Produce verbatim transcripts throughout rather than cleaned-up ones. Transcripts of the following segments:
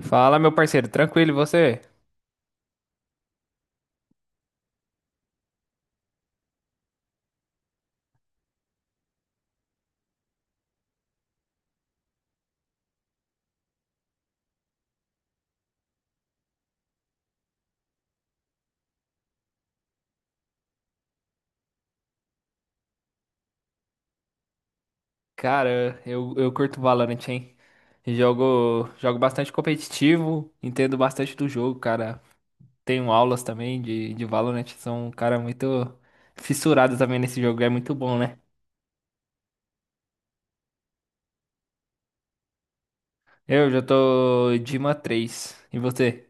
Fala, meu parceiro, tranquilo, e você? Cara, eu, eu curto Valorant, hein? Jogo, jogo bastante competitivo, entendo bastante do jogo, cara. Tenho aulas também de, de Valorant, sou um cara muito fissurado também nesse jogo, é muito bom, né? Eu já tô Dima três e você?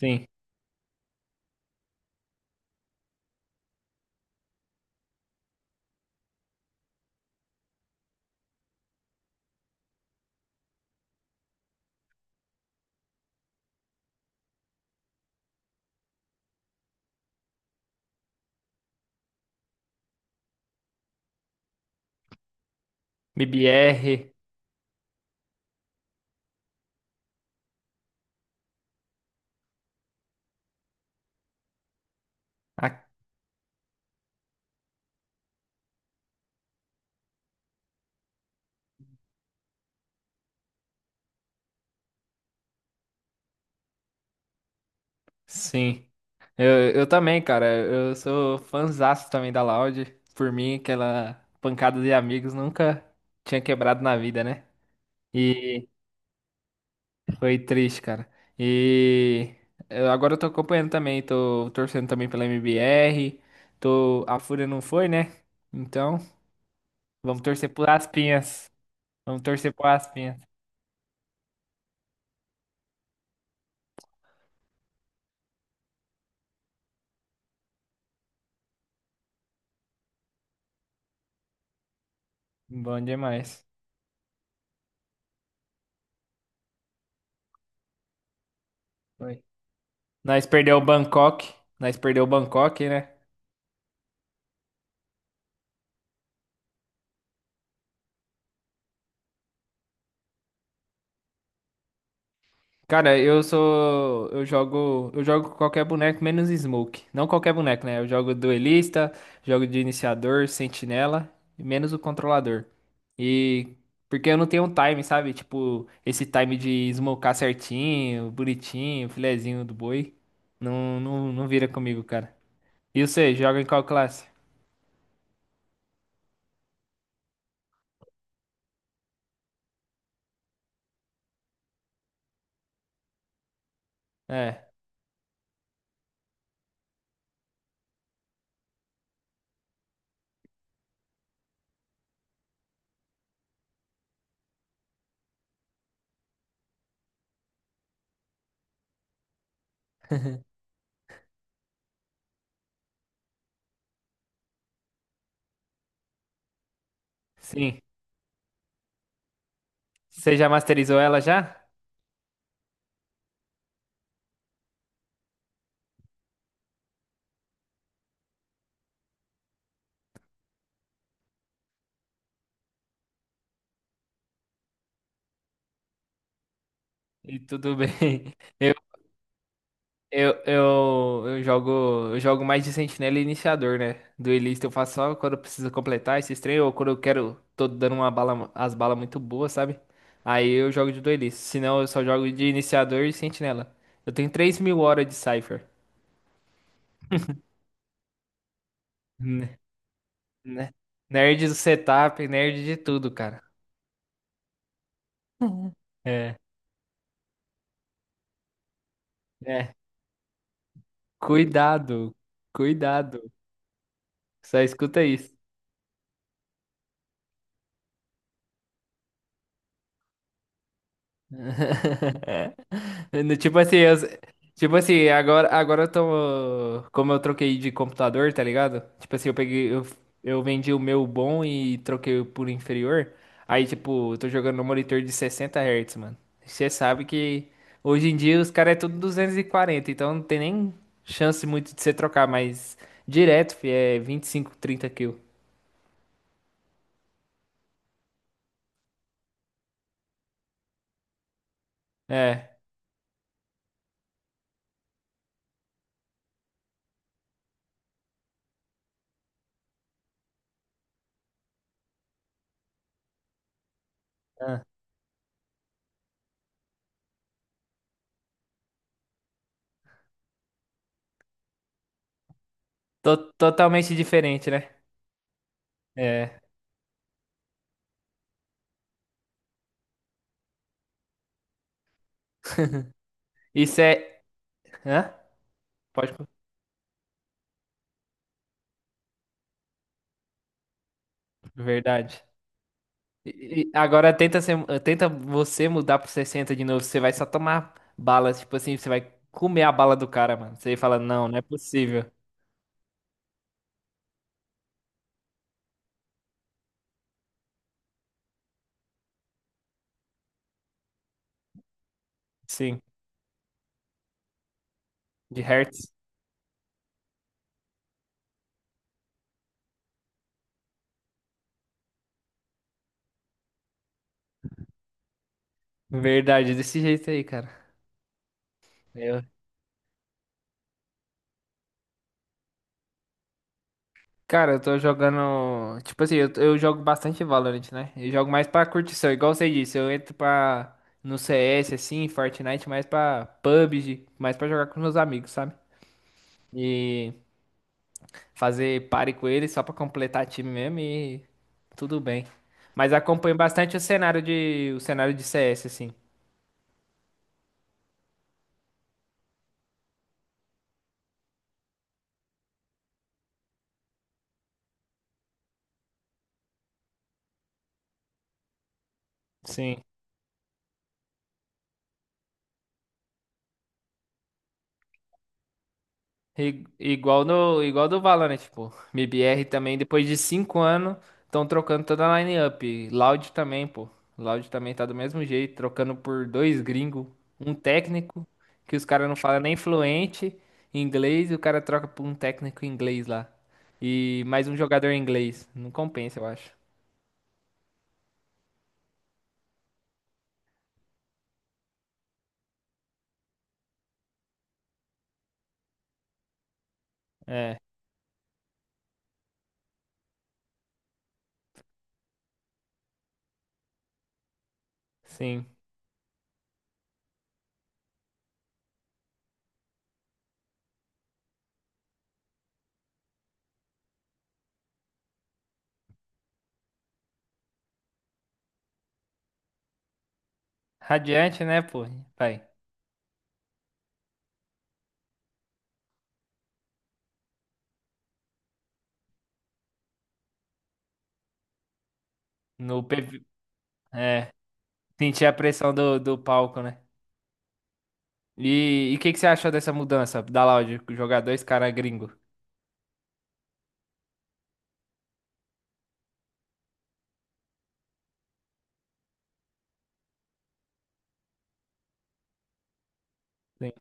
Sim. B B R, ah, sim. Eu, eu também, cara, eu sou fãzaço também da Loud. Por mim, aquela pancada de amigos nunca tinha quebrado na vida, né? E foi triste, cara. E eu- agora eu tô acompanhando também, tô torcendo também pela M B R. Tô... A Fúria não foi, né? Então, vamos torcer por Aspinhas. Vamos torcer por Aspinhas. Bom demais. Foi. Nós perdeu o Bangkok. Nós perdeu o Bangkok, né? Cara, eu sou. Eu jogo. Eu jogo com qualquer boneco menos Smoke. Não qualquer boneco, né? Eu jogo duelista, jogo de iniciador, sentinela, e menos o controlador. E. Porque eu não tenho um time, sabe? Tipo, esse time de smocar certinho, bonitinho, filezinho do boi. Não, não, não vira comigo, cara. E você, joga em qual classe? É. Sim. Você já masterizou ela já? E tudo bem. Eu, eu, eu jogo, eu jogo mais de sentinela e iniciador, né? Duelista eu faço só quando eu preciso completar esse trem ou quando eu quero, tô dando uma bala, as balas muito boas, sabe? Aí eu jogo de duelista. Senão eu só jogo de iniciador e sentinela. Eu tenho três mil horas de Cypher. Né? Né? Nerd do setup, nerd de tudo, cara. É, é. Cuidado, Cuidado. Só escuta isso. No- Tipo assim, eu- tipo assim, agora, agora eu tô. Como eu troquei de computador, tá ligado? Tipo assim, eu peguei. Eu, eu vendi o meu bom e troquei por inferior. Aí, tipo, eu tô jogando no monitor de sessenta Hz, mano. Você sabe que hoje em dia os caras é tudo duzentos e quarenta, então não tem nem chance muito de você trocar, mas direto, fi, é vinte e cinco, trinta quilos. É. Ah. To- totalmente diferente, né? É. Isso é. Hã? Pode, verdade. E- e agora tenta ser, tenta você mudar pro sessenta de novo, você vai só tomar bala, tipo assim, você vai comer a bala do cara, mano. Você fala, não, não é possível. Sim, de Hertz. Verdade, desse jeito aí, cara. Eu- Cara, eu tô jogando, tipo assim, eu, eu jogo bastante Valorant, né? Eu jogo mais pra curtição, igual você disse, eu entro pra, no C S, assim, Fortnite, mais pra P U B G, mais pra jogar com meus amigos, sabe? E... fazer pare com ele só pra completar time mesmo e tudo bem. Mas acompanho bastante o cenário de o cenário de C S assim. Sim. I- igual no igual do Valorant, tipo, M B R também depois de cinco anos estão trocando toda a line-up. Loud também, pô. Loud também tá do mesmo jeito, trocando por dois gringos, um técnico que os caras não falam nem fluente inglês e o cara troca por um técnico inglês lá. E mais um jogador inglês. Não compensa, eu acho. É. Sim. Radiante, né, pô? Pai. No P V... É, sentir a pressão do, do palco, né? E o que, que você achou dessa mudança da Loud, jogar dois caras gringo? Sim,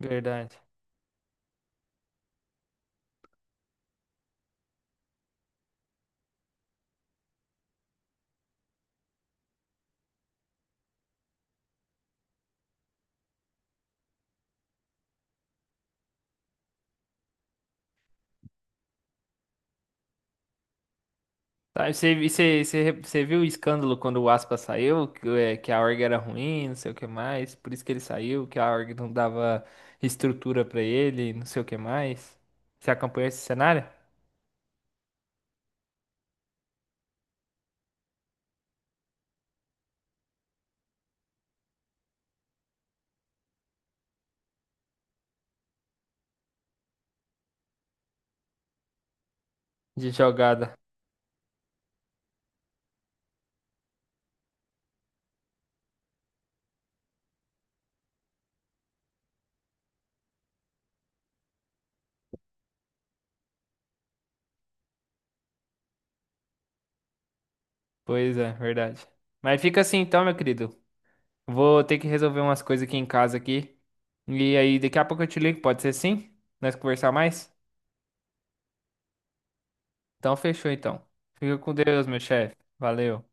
verdade. Tá, e você, e você, você, você viu o escândalo quando o Aspa saiu? Que, é, que a org era ruim, não sei o que mais. Por isso que ele saiu, que a org não dava estrutura pra ele, não sei o que mais. Você acompanhou esse cenário? De jogada. Pois é, verdade. Mas fica assim então, meu querido. Vou ter que resolver umas coisas aqui em casa aqui. E aí, daqui a pouco eu te ligo, pode ser sim? Nós conversar mais? Então fechou então. Fica com Deus, meu chefe. Valeu.